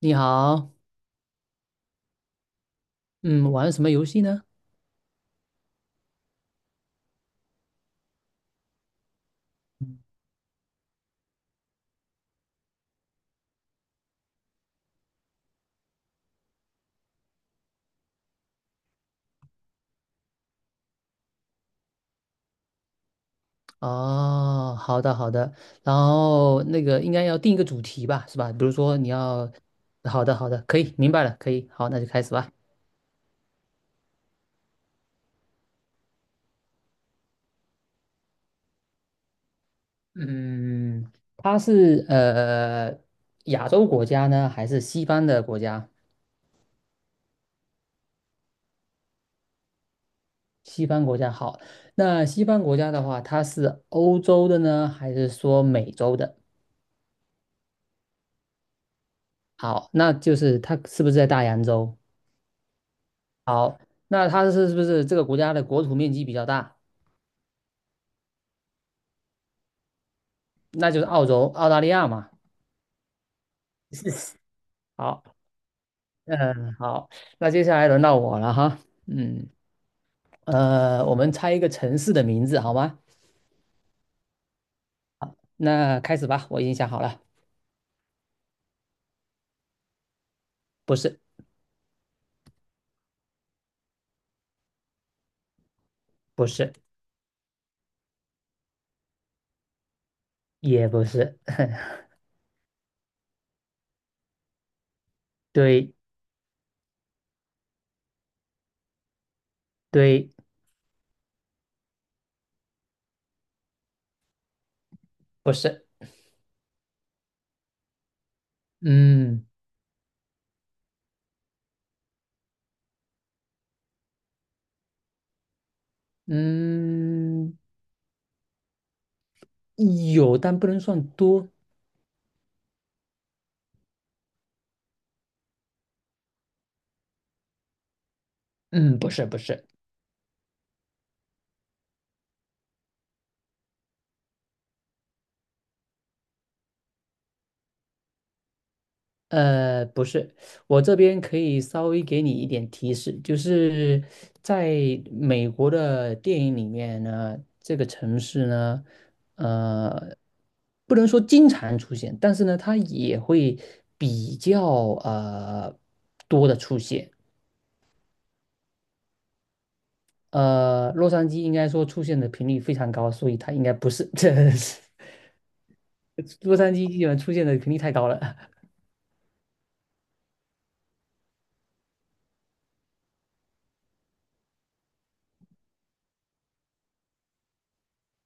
你好，嗯，玩什么游戏呢？哦，好的好的，然后那个应该要定一个主题吧，是吧？比如说你要，好的好的，可以，明白了，可以，好，那就开始吧。嗯，它是亚洲国家呢，还是西方的国家？西方国家好，那西方国家的话，它是欧洲的呢，还是说美洲的？好，那就是它是不是在大洋洲？好，那它是不是这个国家的国土面积比较大？那就是澳洲、澳大利亚嘛。好，嗯，好，那接下来轮到我了哈。嗯，我们猜一个城市的名字好吗？那开始吧，我已经想好了。不是，不是，也不是，对，对，不是。嗯嗯，有，但不能算多。嗯，不是，不是。不是，我这边可以稍微给你一点提示，就是在美国的电影里面呢，这个城市呢，呃，不能说经常出现，但是呢，它也会比较呃多的出现。洛杉矶应该说出现的频率非常高，所以它应该不是，这洛杉矶基本出现的频率太高了。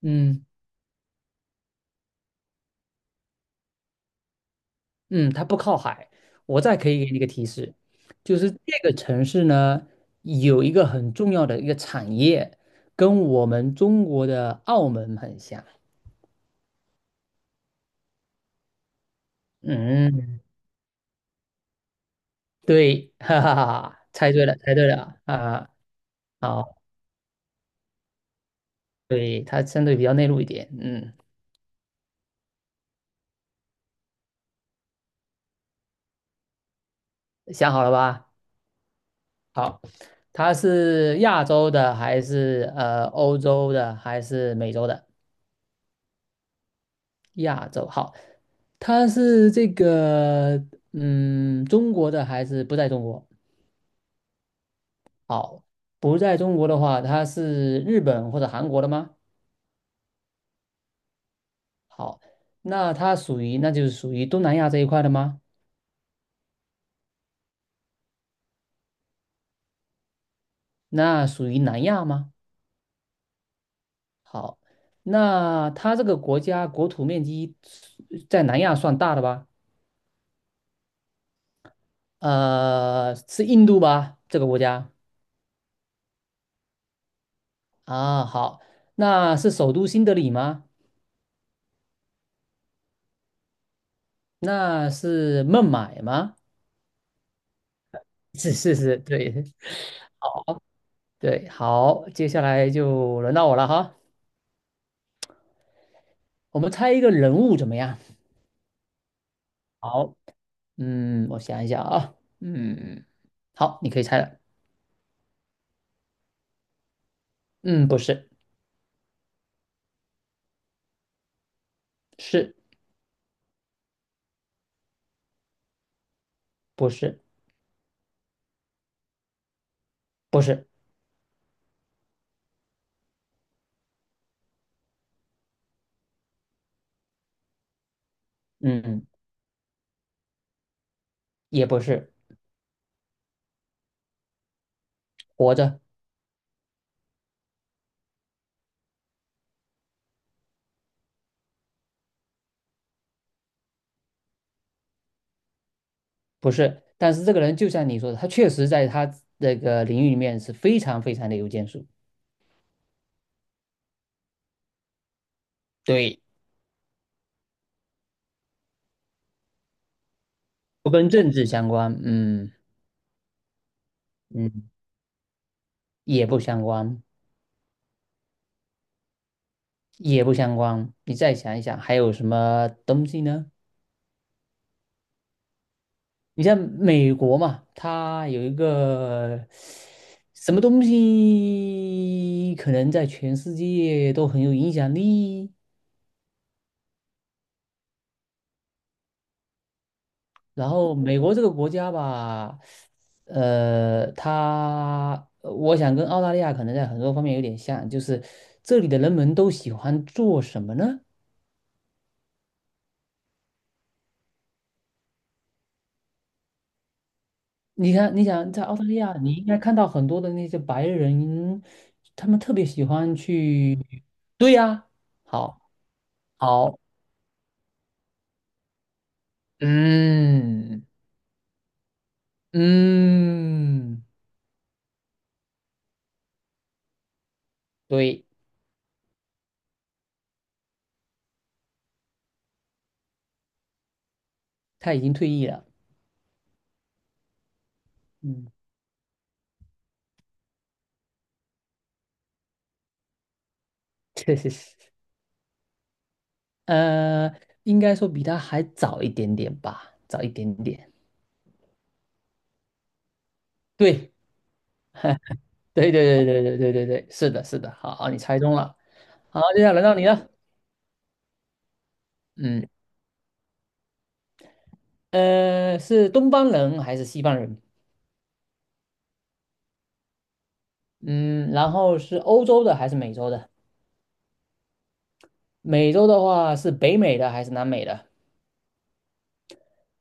嗯。嗯，它不靠海。我再可以给你一个提示，就是这个城市呢，有一个很重要的一个产业，跟我们中国的澳门很像。嗯，对，哈哈哈哈猜对了，猜对了啊，好，对，它相对比较内陆一点。嗯，想好了吧？好，它是亚洲的还是欧洲的还是美洲的？亚洲，好，它是这个，嗯，中国的还是不在中国？好，不在中国的话，它是日本或者韩国的吗？好，那它属于，那就是属于东南亚这一块的吗？那属于南亚吗？好，那他这个国家国土面积在南亚算大的吧？是印度吧？这个国家啊，好，那是首都新德里吗？那是孟买吗？是是是，对 对，好，接下来就轮到我了哈，我们猜一个人物怎么样？好，嗯，我想一想啊，嗯，好，你可以猜了，嗯，不是，是不是不是，嗯，也不是，活着不是，但是这个人就像你说的，他确实在他那个领域里面是非常非常的有建树，对，不跟政治相关，嗯嗯，也不相关，也不相关，你再想一想还有什么东西呢？你像美国嘛，它有一个什么东西，可能在全世界都很有影响力。然后美国这个国家吧，它我想跟澳大利亚可能在很多方面有点像，就是这里的人们都喜欢做什么呢？你看，你想在澳大利亚，你应该看到很多的那些白人，他们特别喜欢去，对呀，好。好，嗯嗯，对，他已经退役了。嗯 确实是。呃，应该说比他还早一点点吧，早一点点。对，对对对对对对对对，是的，是的。好，你猜中了。好，接下来轮到你了。嗯，是东方人还是西方人？嗯，然后是欧洲的还是美洲的？美洲的话是北美的还是南美的？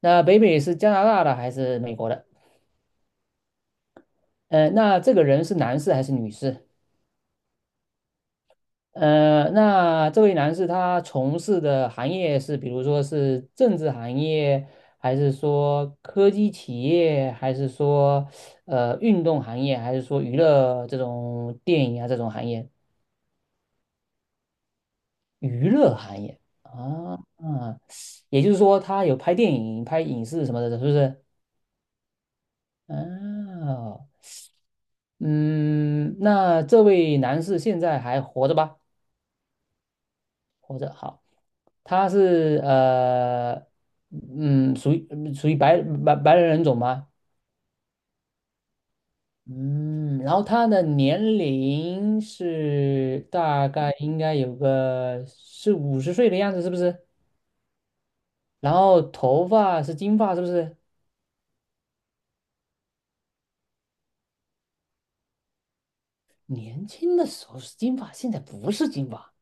那北美是加拿大的还是美国的？那这个人是男士还是女士？那这位男士他从事的行业是，比如说是政治行业，还是说科技企业，还是说运动行业，还是说娱乐这种电影啊这种行业？娱乐行业啊，啊，也就是说他有拍电影、拍影视什么的，是不是？哦，嗯，那这位男士现在还活着吧？活着，好。他是嗯，属于白人人种吗？嗯，然后他的年龄是大概应该有个是50岁的样子，是不是？然后头发是金发，是不是？年轻的时候是金发，现在不是金发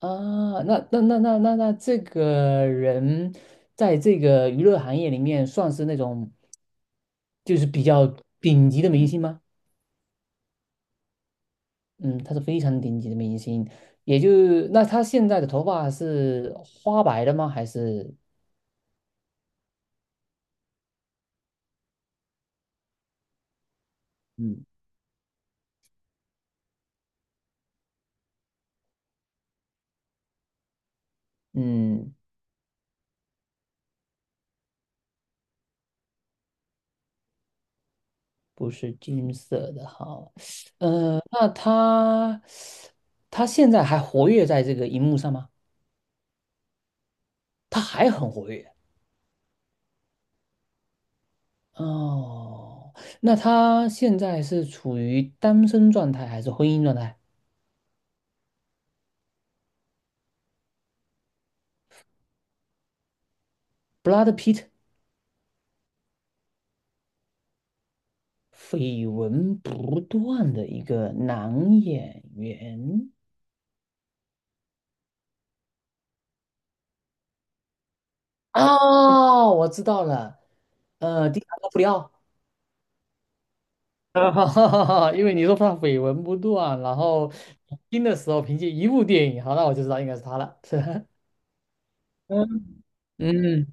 啊。那这个人在这个娱乐行业里面算是那种就是比较顶级的明星吗？嗯，他是非常顶级的明星，也就那他现在的头发是花白的吗？还是嗯，嗯，不是金色的哈？那他现在还活跃在这个荧幕上吗？他还很活跃哦。那他现在是处于单身状态还是婚姻状态？Brad Pitt，绯闻不断的一个男演员。哦，我知道了，第三个布里奥，因为你说他绯闻不断，然后听的时候凭借一部电影，好，那我就知道应该是他了。是吧 嗯，嗯，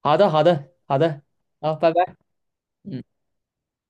好的，好的，好的，好，拜拜。嗯。